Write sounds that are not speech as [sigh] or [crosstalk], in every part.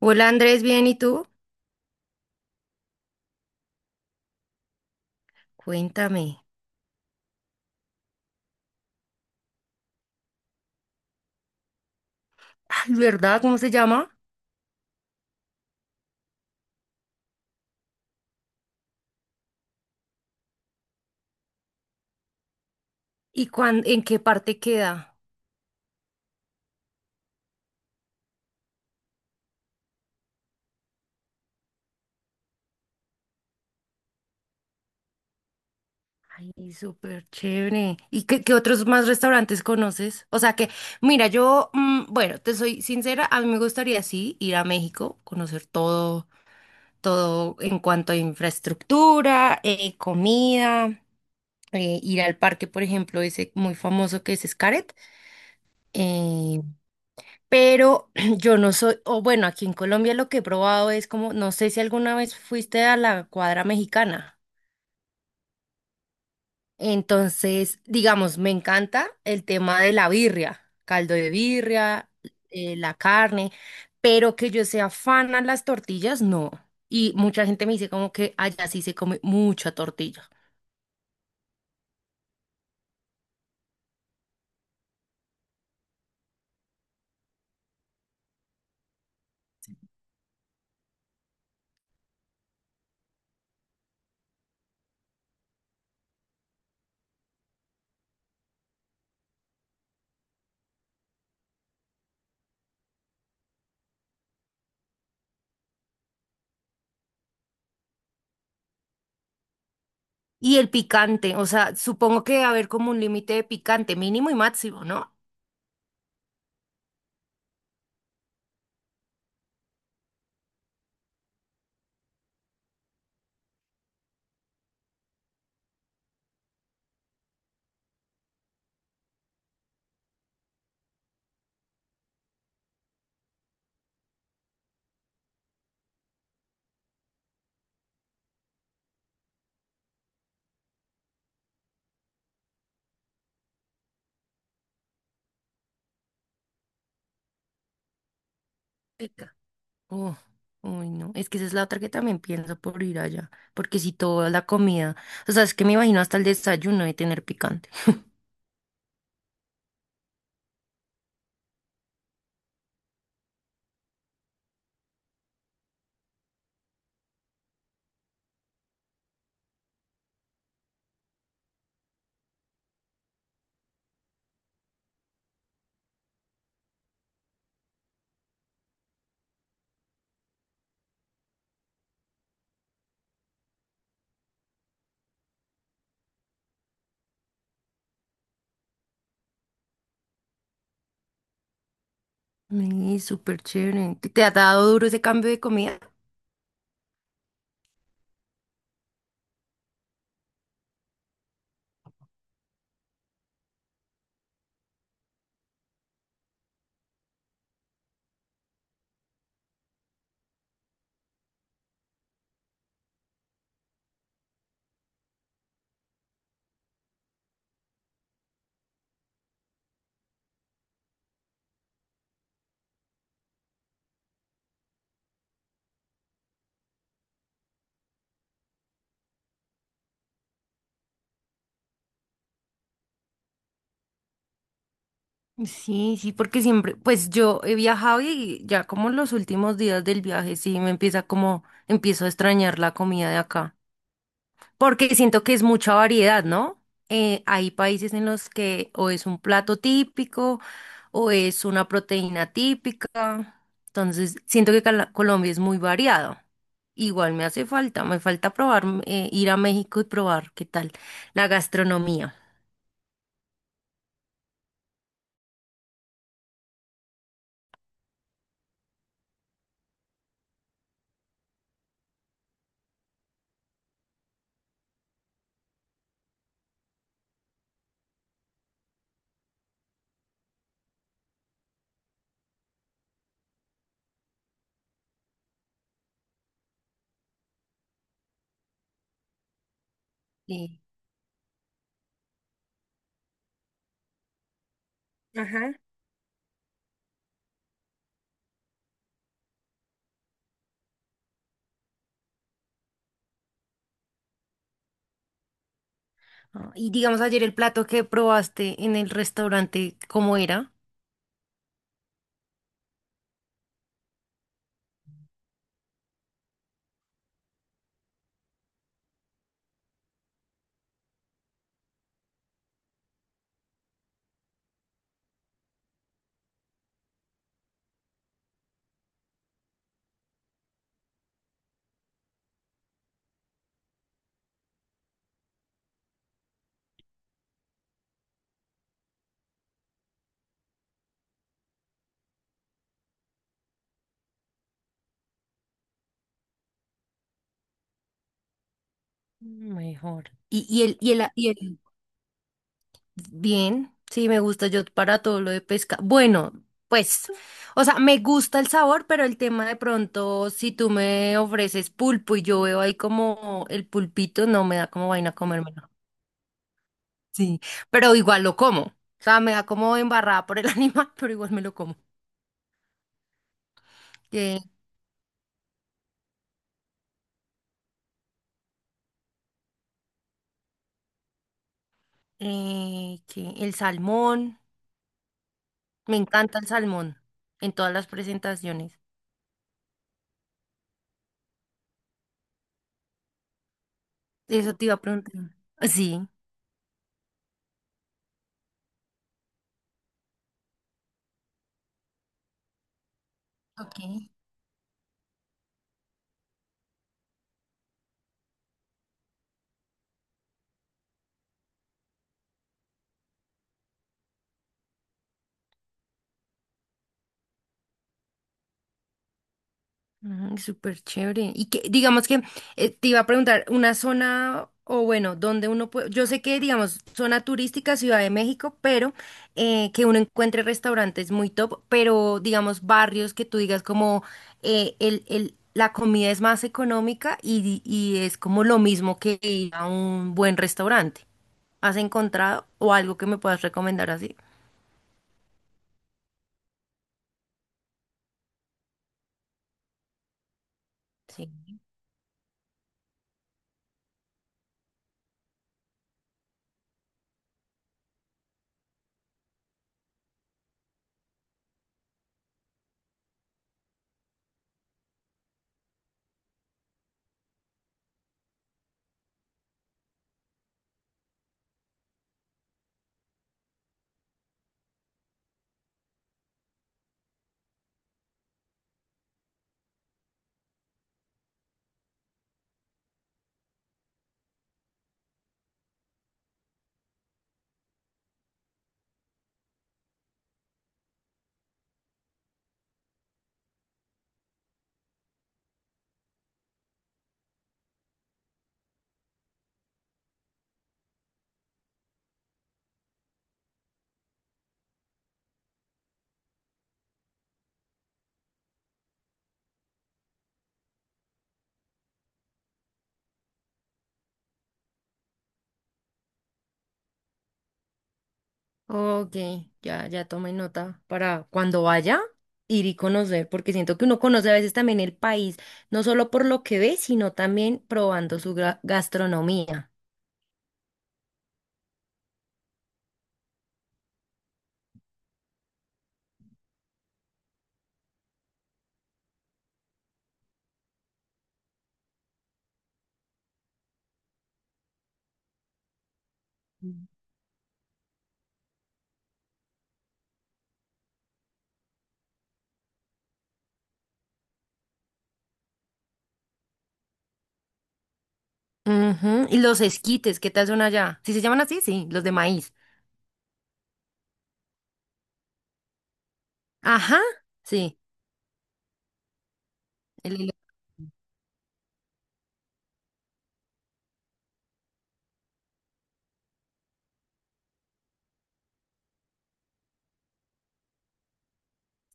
Hola Andrés, bien, ¿y tú? Cuéntame. Ay, ¿verdad? ¿Cómo se llama? ¿ En qué parte queda? Ay, súper chévere. ¿Y qué otros más restaurantes conoces? O sea que, mira, yo, bueno, te soy sincera, a mí me gustaría sí ir a México, conocer todo, todo en cuanto a infraestructura, comida, ir al parque, por ejemplo, ese muy famoso que es Xcaret. eh, Pero [clears throat] yo no soy, o bueno, aquí en Colombia lo que he probado es como, no sé si alguna vez fuiste a la cuadra mexicana. Entonces, digamos, me encanta el tema de la birria, caldo de birria, la carne, pero que yo sea fan a las tortillas, no. Y mucha gente me dice como que allá sí se come mucha tortilla. Y el picante, o sea, supongo que debe haber como un límite de picante mínimo y máximo, ¿no? Uh, uy, no. Es que esa es la otra que también pienso por ir allá. Porque si toda la comida. O sea, es que me imagino hasta el desayuno de tener picante. Ay, súper chévere. ¿Te ha dado duro ese cambio de comida? Sí, sí, porque siempre, pues yo he viajado y ya como en los últimos días del viaje, sí, me empieza como, empiezo a extrañar la comida de acá. Porque siento que es mucha variedad, ¿no? Hay países en los que o es un plato típico o es una proteína típica. Entonces, siento que Colombia es muy variado. Igual me hace falta, me falta probar, ir a México y probar qué tal la gastronomía. Sí. Ajá. Ah, y digamos ayer el plato que probaste en el restaurante, ¿cómo era? Mejor. Y, y el- Bien, sí, me gusta yo para todo lo de pesca. Bueno, pues, o sea, me gusta el sabor, pero el tema de pronto, si tú me ofreces pulpo y yo veo ahí como el pulpito, no me da como vaina comérmelo. Sí, pero igual lo como. O sea, me da como embarrada por el [laughs] animal, pero igual me lo como. Que ¿qué? El salmón, me encanta el salmón en todas las presentaciones. Eso te iba a preguntar. Sí. Ok. Mm, súper chévere. Y que, digamos que te iba a preguntar, una zona, o bueno, donde uno puede, yo sé que, digamos, zona turística, Ciudad de México, pero que uno encuentre restaurantes muy top, pero digamos, barrios que tú digas como la comida es más económica y es como lo mismo que ir a un buen restaurante. ¿Has encontrado o algo que me puedas recomendar así? Sí. Ok, ya tomé nota para cuando vaya ir y conocer, porque siento que uno conoce a veces también el país, no solo por lo que ve, sino también probando su gastronomía. Ujú, y los esquites, ¿qué tal son allá? ¿Sí se llaman así? Sí, los de maíz. Ajá, sí, el hilo-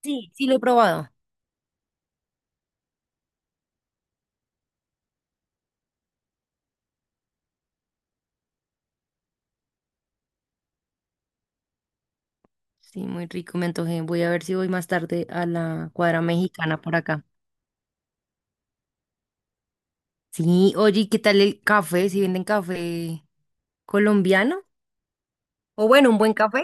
Sí, sí lo he probado. Sí, muy rico, me antojé. Voy a ver si voy más tarde a la cuadra mexicana por acá. Sí, oye, ¿y qué tal el café? ¿Si venden café colombiano? O bueno, un buen café.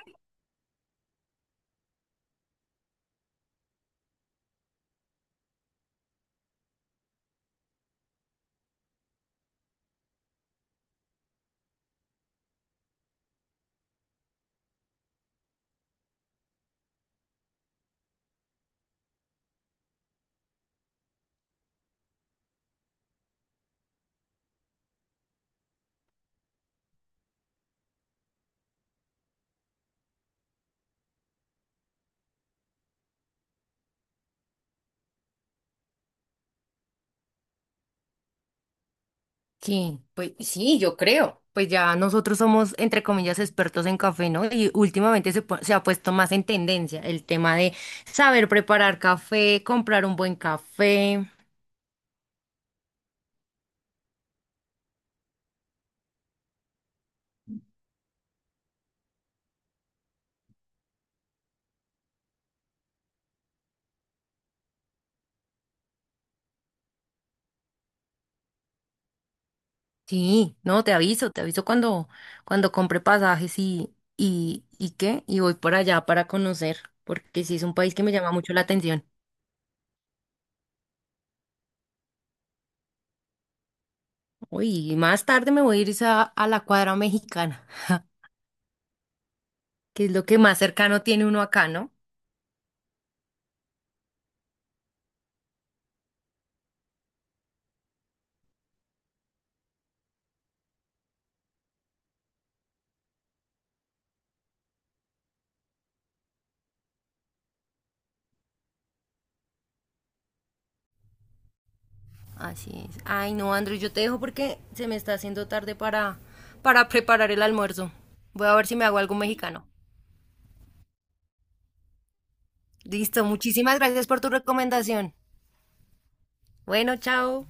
Sí, pues sí, yo creo. Pues ya nosotros somos, entre comillas, expertos en café, ¿no? Y últimamente se, se ha puesto más en tendencia el tema de saber preparar café, comprar un buen café. Sí, no, te aviso cuando, cuando compre pasajes y voy por allá para conocer, porque sí es un país que me llama mucho la atención. Uy, y más tarde me voy a ir es a la cuadra mexicana, que es lo que más cercano tiene uno acá, ¿no? Así es. Ay, no, Andrew, yo te dejo porque se me está haciendo tarde para preparar el almuerzo. Voy a ver si me hago algo mexicano. Listo, muchísimas gracias por tu recomendación. Bueno, chao.